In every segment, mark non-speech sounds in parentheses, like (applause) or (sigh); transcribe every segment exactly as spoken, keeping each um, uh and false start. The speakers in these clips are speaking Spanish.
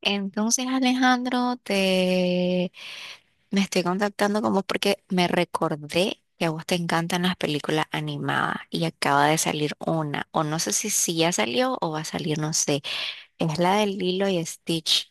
Entonces, Alejandro, te me estoy contactando con vos porque me recordé que a vos te encantan las películas animadas y acaba de salir una, o no sé si, si ya salió o va a salir, no sé. Es la de Lilo y Stitch.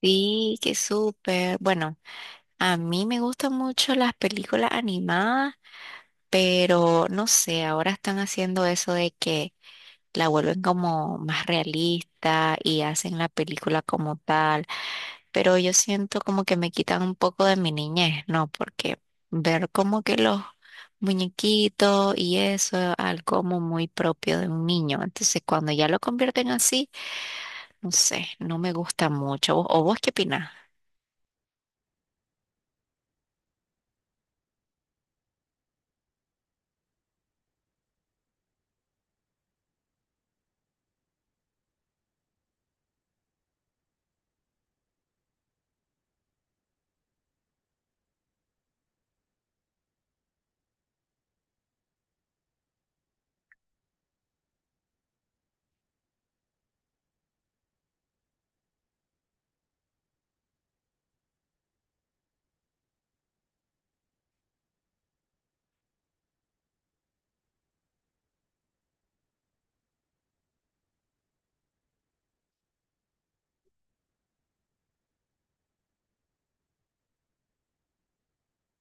Sí, qué súper. Bueno, a mí me gustan mucho las películas animadas, pero no sé, ahora están haciendo eso de que la vuelven como más realista y hacen la película como tal, pero yo siento como que me quitan un poco de mi niñez, ¿no? Porque ver como que los muñequitos y eso, algo como muy propio de un niño. Entonces, cuando ya lo convierten así, no sé, no me gusta mucho. ¿Vos- ¿O vos qué opinás?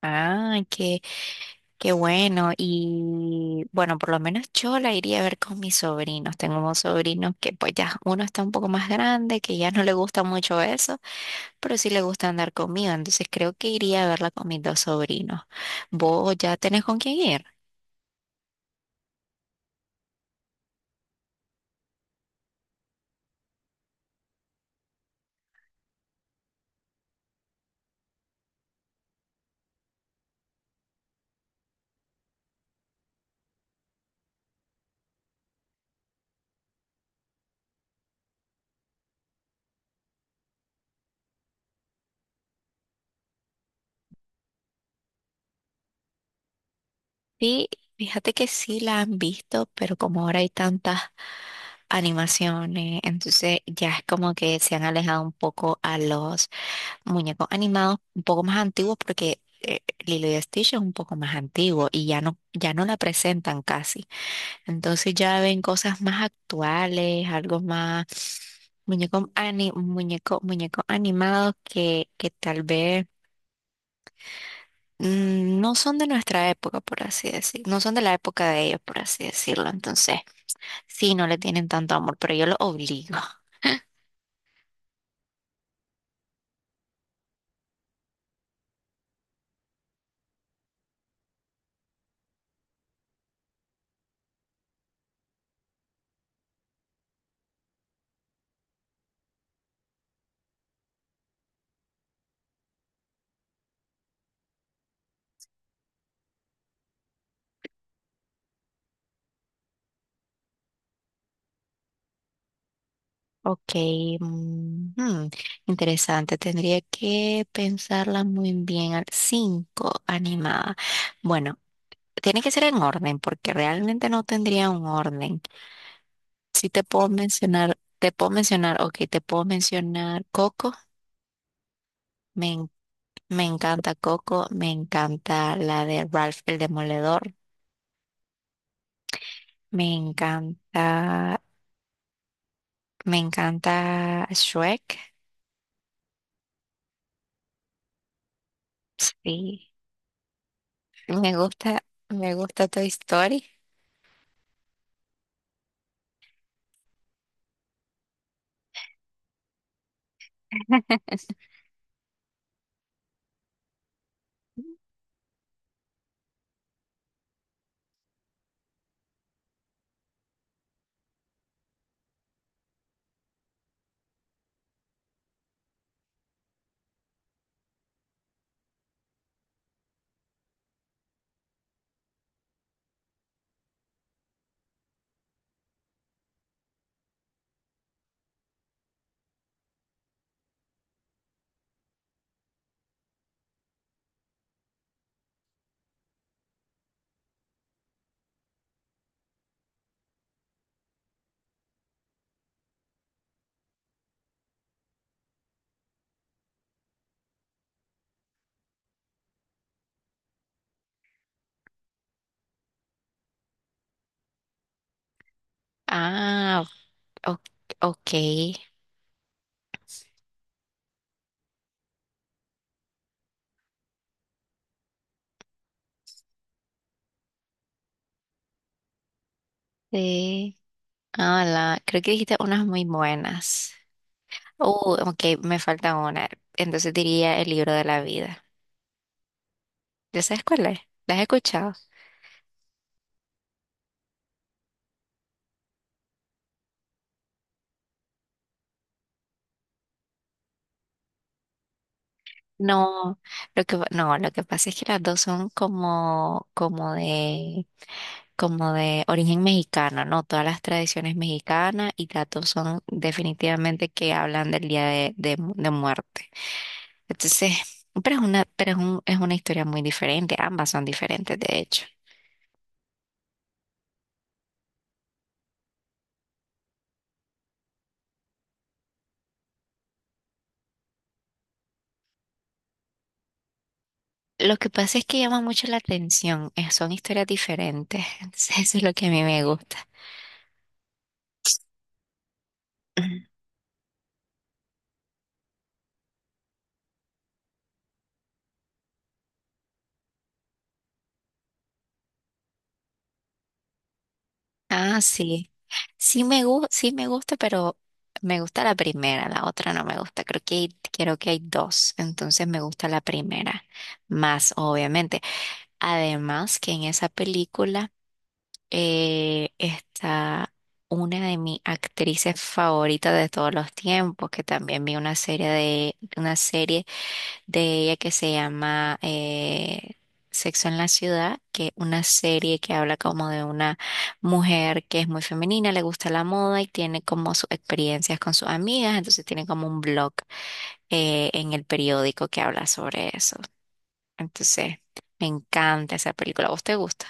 Ah, qué, qué bueno. Y bueno, por lo menos yo la iría a ver con mis sobrinos. Tengo unos sobrinos que pues ya uno está un poco más grande, que ya no le gusta mucho eso, pero sí le gusta andar conmigo, entonces creo que iría a verla con mis dos sobrinos. ¿Vos ya tenés con quién ir? Sí, fíjate que sí la han visto, pero como ahora hay tantas animaciones, entonces ya es como que se han alejado un poco a los muñecos animados un poco más antiguos porque eh, Lilo y Stitch es un poco más antiguo y ya no, ya no la presentan casi. Entonces ya ven cosas más actuales, algo más muñecos ani- muñeco, muñecos animados que, que tal vez mm, no son de nuestra época, por así decir, no son de la época de ellos, por así decirlo. Entonces, sí, no le tienen tanto amor, pero yo lo obligo. (laughs) Ok, mm, hmm, interesante. Tendría que pensarla muy bien. al- Cinco animada. Bueno, tiene que ser en orden, porque realmente no tendría un orden. Sí te puedo mencionar, te puedo mencionar, ok, te puedo mencionar Coco. Me, en- me encanta Coco, me encanta la de Ralph el Demoledor, me encanta, me encanta Shrek. Sí, me gusta, me gusta Toy Story. (laughs) Ah, o- ok. Sí. Ah, la, creo que dijiste unas muy buenas. Oh, ok, me falta una. Entonces diría El Libro de la Vida. ¿Ya sabes cuál es? ¿La has escuchado? No, lo que, no, lo que pasa es que las dos son como, como de, como de origen mexicano, ¿no? Todas las tradiciones mexicanas y las dos son definitivamente que hablan del día de, de mu- de muerte. Entonces, pero es una, pero es un- es una historia muy diferente, ambas son diferentes, de hecho. Lo que pasa es que llama mucho la atención, eh, son historias diferentes, (laughs) entonces eso es lo que a mí me gusta. Ah, sí. Sí me gusta, sí me gusta, pero me gusta la primera, la otra no me gusta. Creo que hay, creo que hay dos, entonces me gusta la primera más, obviamente. Además que en esa película eh, está una de mis actrices favoritas de todos los tiempos, que también vi una serie de una serie de ella que se llama eh, Sexo en la Ciudad, que es una serie que habla como de una mujer que es muy femenina, le gusta la moda y tiene como sus experiencias con sus amigas, entonces tiene como un blog eh, en el periódico que habla sobre eso. Entonces, me encanta esa película, ¿a vos te gusta?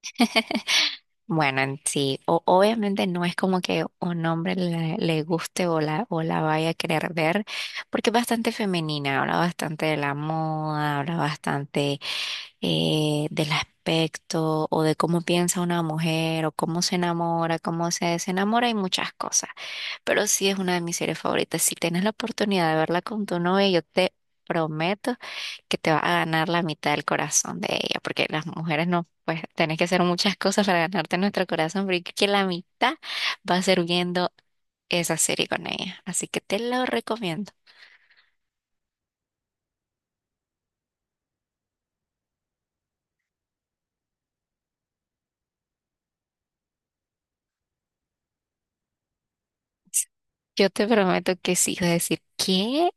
(laughs) Bueno, en sí, o- obviamente no es como que un hombre le, le guste o la, o la vaya a querer ver, porque es bastante femenina, habla bastante de la moda, habla bastante eh, del aspecto o de cómo piensa una mujer o cómo se enamora, cómo se desenamora y muchas cosas. Pero sí es una de mis series favoritas. Si tienes la oportunidad de verla con tu novia, yo te prometo que te va a ganar la mitad del corazón de ella, porque las mujeres no, pues tenés que hacer muchas cosas para ganarte nuestro corazón, pero yo creo que la mitad va a ser viendo esa serie con ella. Así que te lo recomiendo. Yo te prometo que sí, vas a decir, ¿qué?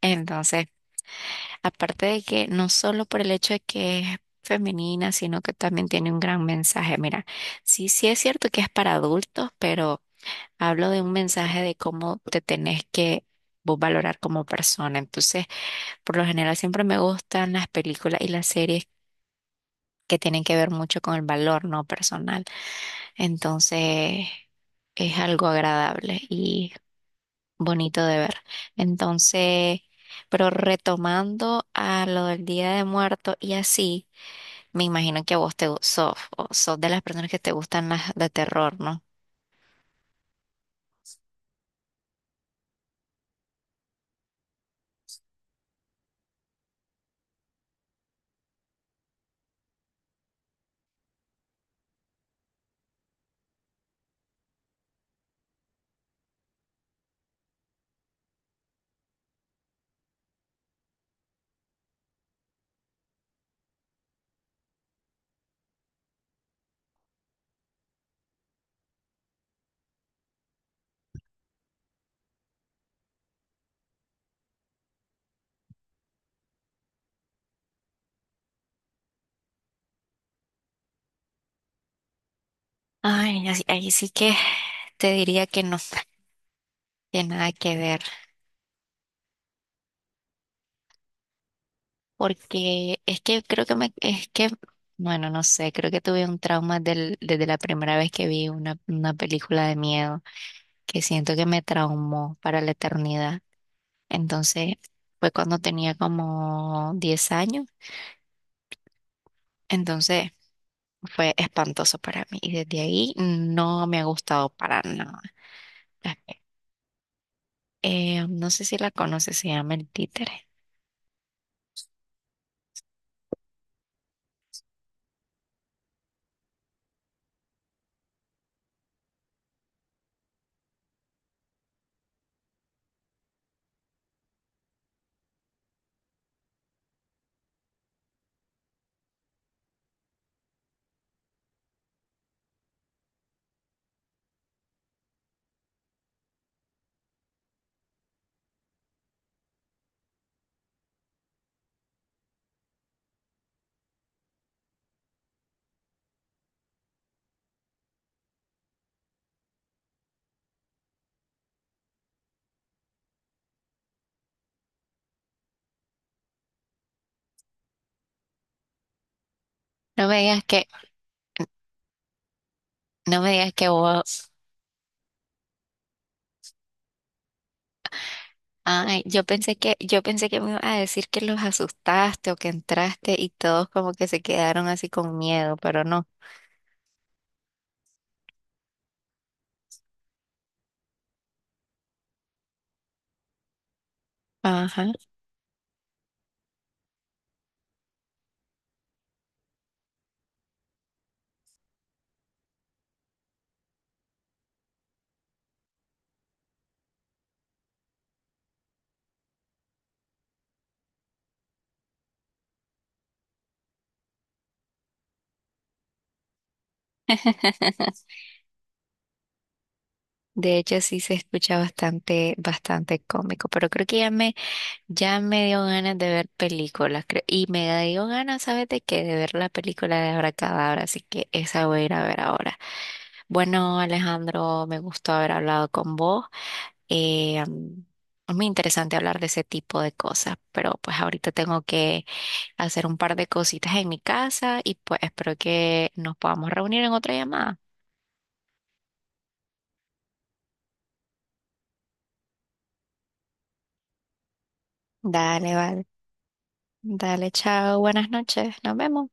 Entonces. Aparte de que no solo por el hecho de que es femenina, sino que también tiene un gran mensaje. Mira, sí, sí es cierto que es para adultos, pero hablo de un mensaje de cómo te tenés que vos valorar como persona. Entonces, por lo general siempre me gustan las películas y las series que tienen que ver mucho con el valor no personal. Entonces, es algo agradable y bonito de ver. Entonces, pero retomando a lo del Día de Muertos y así. Me imagino que a vos te gu- sos, o sos de las personas que te gustan las de terror, ¿no? Ay, así- ahí sí que te diría que no, que nada que ver, porque es que creo que me, es que, bueno, no sé, creo que tuve un trauma del, desde la primera vez que vi una, una película de miedo, que siento que me traumó para la eternidad. Entonces, fue cuando tenía como diez años, entonces fue espantoso para mí y desde ahí no me ha gustado para nada. Eh, no sé si la conoces, se llama El Títere. No me digas que, no me digas que vos, ay, yo pensé que, yo pensé que me iba a decir que los asustaste o que entraste y todos como que se quedaron así con miedo, pero no. Ajá. (laughs) De hecho, sí se escucha bastante, bastante cómico, pero creo que ya me, ya me dio ganas de ver películas, creo, y me dio ganas, ¿sabes de qué? De ver la película de Abracadabra, así que esa voy a ir a ver ahora. Bueno, Alejandro, me gustó haber hablado con vos. Eh, mm, es muy interesante hablar de ese tipo de cosas, pero pues ahorita tengo que hacer un par de cositas en mi casa y pues espero que nos podamos reunir en otra llamada. Dale, vale. Dale, chao, buenas noches, nos vemos.